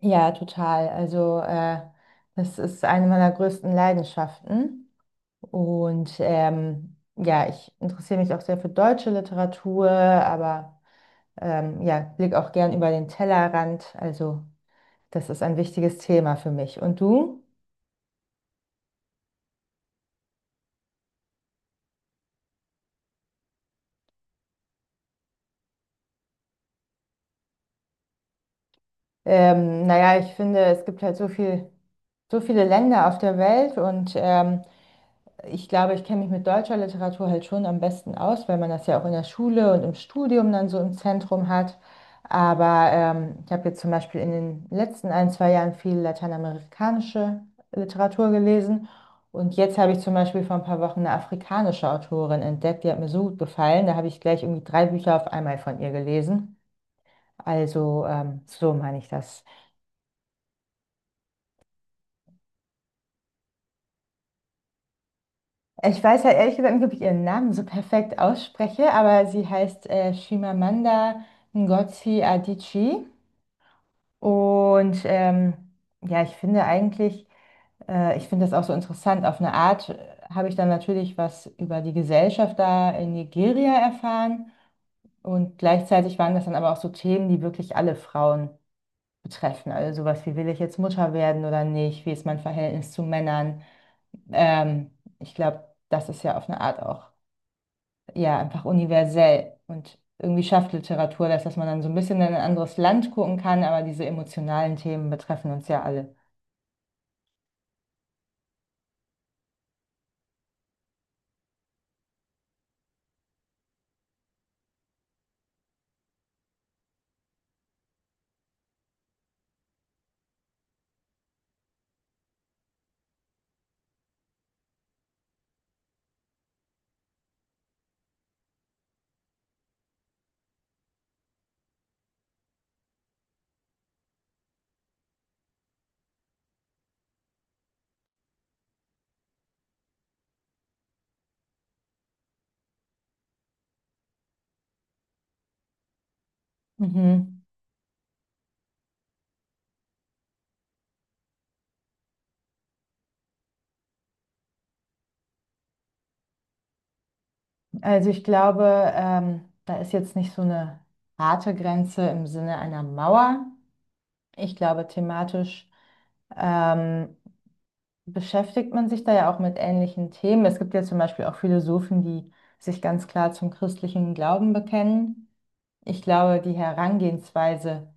Ja, total. Das ist eine meiner größten Leidenschaften. Ja, ich interessiere mich auch sehr für deutsche Literatur, aber ja, blicke auch gern über den Tellerrand. Also das ist ein wichtiges Thema für mich. Und du? Naja, ich finde, es gibt halt so viel, so viele Länder auf der Welt und ich glaube, ich kenne mich mit deutscher Literatur halt schon am besten aus, weil man das ja auch in der Schule und im Studium dann so im Zentrum hat. Aber ich habe jetzt zum Beispiel in den letzten ein, zwei Jahren viel lateinamerikanische Literatur gelesen. Und jetzt habe ich zum Beispiel vor ein paar Wochen eine afrikanische Autorin entdeckt, die hat mir so gut gefallen. Da habe ich gleich irgendwie drei Bücher auf einmal von ihr gelesen. So meine ich das. Ich weiß halt ehrlich gesagt nicht, ob ich ihren Namen so perfekt ausspreche, aber sie heißt Chimamanda Ngozi Adichie. Und ähm, ja, ich finde eigentlich, ich finde das auch so interessant. Auf eine Art habe ich dann natürlich was über die Gesellschaft da in Nigeria erfahren. Und gleichzeitig waren das dann aber auch so Themen, die wirklich alle Frauen betreffen. Also sowas wie, will ich jetzt Mutter werden oder nicht? Wie ist mein Verhältnis zu Männern? Ähm, Ich glaube, das ist ja auf eine Art auch ja, einfach universell. Und irgendwie schafft Literatur das, dass man dann so ein bisschen in ein anderes Land gucken kann, aber diese emotionalen Themen betreffen uns ja alle. Mhm. Also ich glaube, da ist jetzt nicht so eine harte Grenze im Sinne einer Mauer. Ich glaube, thematisch ähm, beschäftigt man sich da ja auch mit ähnlichen Themen. Es gibt ja zum Beispiel auch Philosophen, die sich ganz klar zum christlichen Glauben bekennen. Ich glaube, die Herangehensweise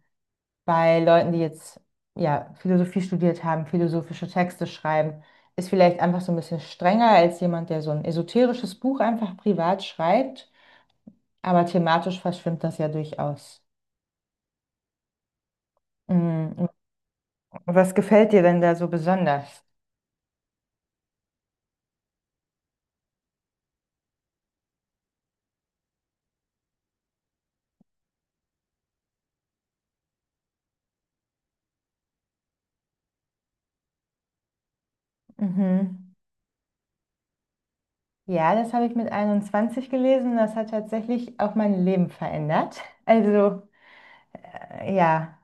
bei Leuten, die jetzt ja Philosophie studiert haben, philosophische Texte schreiben, ist vielleicht einfach so ein bisschen strenger als jemand, der so ein esoterisches Buch einfach privat schreibt. Aber thematisch verschwimmt das ja durchaus. Mhm. Was gefällt dir denn da so besonders? Mhm. Ja, das habe ich mit 21 gelesen. Das hat tatsächlich auch mein Leben verändert. Also, äh, ja,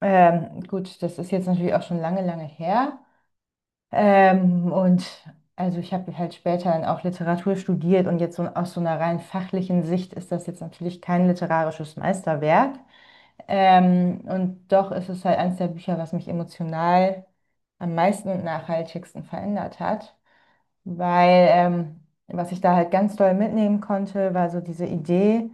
gut, das ist jetzt natürlich auch schon lange, lange her. Und also ich habe halt später dann auch Literatur studiert und jetzt so aus so einer rein fachlichen Sicht ist das jetzt natürlich kein literarisches Meisterwerk. Und doch ist es halt eines der Bücher, was mich emotional am meisten und nachhaltigsten verändert hat, weil was ich da halt ganz doll mitnehmen konnte, war so diese Idee,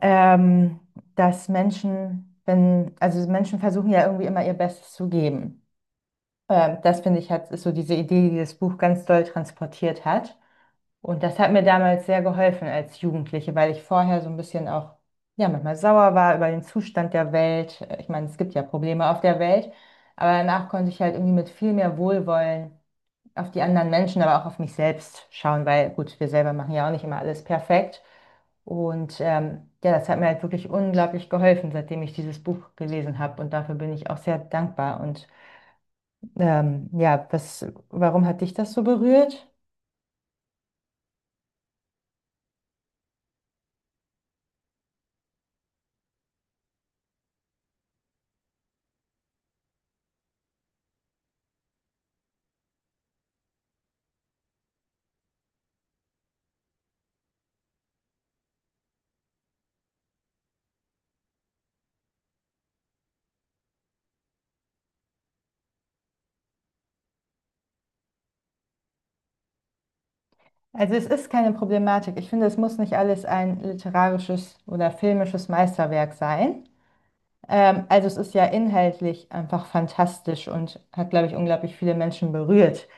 ähm, dass Menschen, wenn, also Menschen versuchen ja irgendwie immer ihr Bestes zu geben. Das finde ich halt ist so diese Idee, die das Buch ganz doll transportiert hat. Und das hat mir damals sehr geholfen als Jugendliche, weil ich vorher so ein bisschen auch, ja, manchmal sauer war über den Zustand der Welt. Ich meine, es gibt ja Probleme auf der Welt, aber danach konnte ich halt irgendwie mit viel mehr Wohlwollen auf die anderen Menschen, aber auch auf mich selbst schauen, weil gut, wir selber machen ja auch nicht immer alles perfekt. Und ja, das hat mir halt wirklich unglaublich geholfen, seitdem ich dieses Buch gelesen habe. Und dafür bin ich auch sehr dankbar. Und ja, was, warum hat dich das so berührt? Also es ist keine Problematik. Ich finde, es muss nicht alles ein literarisches oder filmisches Meisterwerk sein. Also es ist ja inhaltlich einfach fantastisch und hat, glaube ich, unglaublich viele Menschen berührt.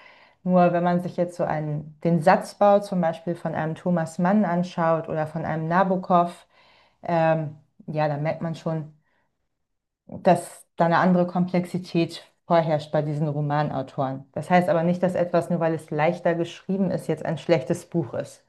Nur wenn man sich jetzt so einen, den Satzbau zum Beispiel von einem Thomas Mann anschaut oder von einem Nabokov, ähm, ja, dann merkt man schon, dass da eine andere Komplexität vorherrscht bei diesen Romanautoren. Das heißt aber nicht, dass etwas, nur weil es leichter geschrieben ist, jetzt ein schlechtes Buch ist.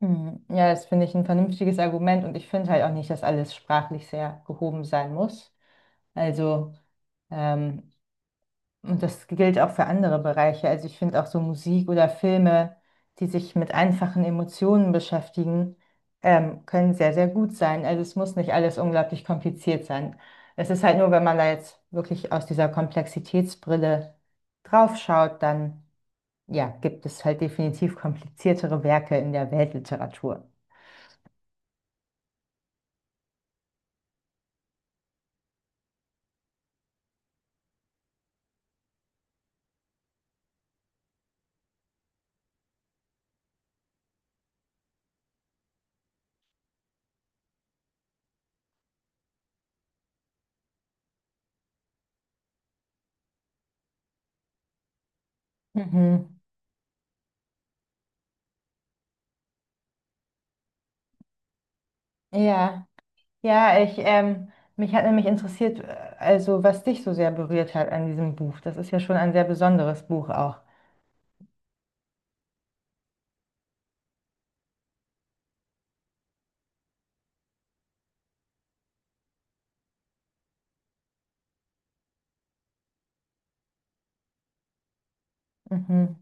Hm. Ja, das finde ich ein vernünftiges Argument und ich finde halt auch nicht, dass alles sprachlich sehr gehoben sein muss. Also ähm, Und das gilt auch für andere Bereiche. Also ich finde auch so Musik oder Filme, die sich mit einfachen Emotionen beschäftigen, können sehr, sehr gut sein. Also es muss nicht alles unglaublich kompliziert sein. Es ist halt nur, wenn man da jetzt wirklich aus dieser Komplexitätsbrille draufschaut, dann ja, gibt es halt definitiv kompliziertere Werke in der Weltliteratur. Mhm. Ja. Ja, ich, ähm, Mich hat nämlich interessiert, also was dich so sehr berührt hat an diesem Buch. Das ist ja schon ein sehr besonderes Buch auch. Mhm,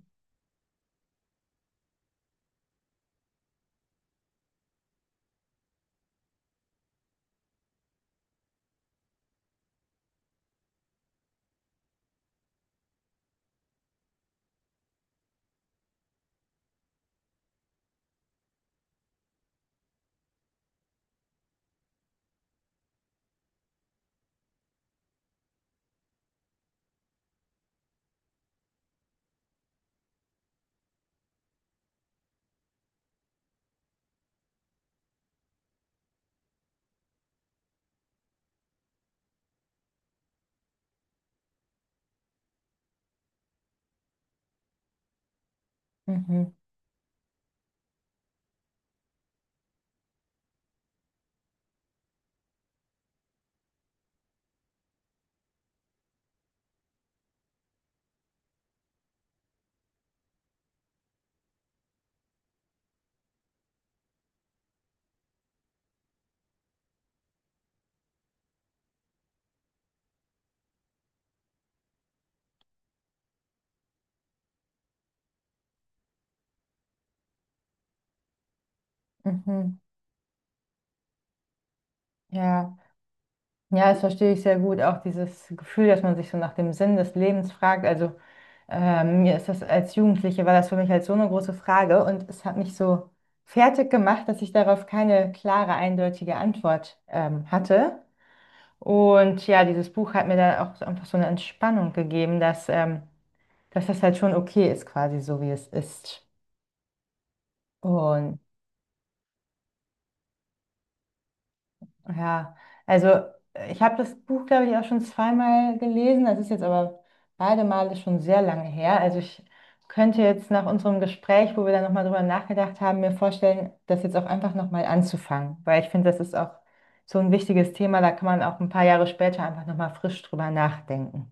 mhm, mhm. Ja. Ja, das verstehe ich sehr gut. Auch dieses Gefühl, dass man sich so nach dem Sinn des Lebens fragt. Mir ist das als Jugendliche war das für mich halt so eine große Frage und es hat mich so fertig gemacht, dass ich darauf keine klare, eindeutige Antwort hatte. Und ja, dieses Buch hat mir dann auch so einfach so eine Entspannung gegeben, dass das halt schon okay ist, quasi so wie es ist. Und ja, also ich habe das Buch, glaube ich, auch schon zweimal gelesen. Das ist jetzt aber beide Male schon sehr lange her. Also ich könnte jetzt nach unserem Gespräch, wo wir dann nochmal drüber nachgedacht haben, mir vorstellen, das jetzt auch einfach nochmal anzufangen, weil ich finde, das ist auch so ein wichtiges Thema, da kann man auch ein paar Jahre später einfach nochmal frisch drüber nachdenken.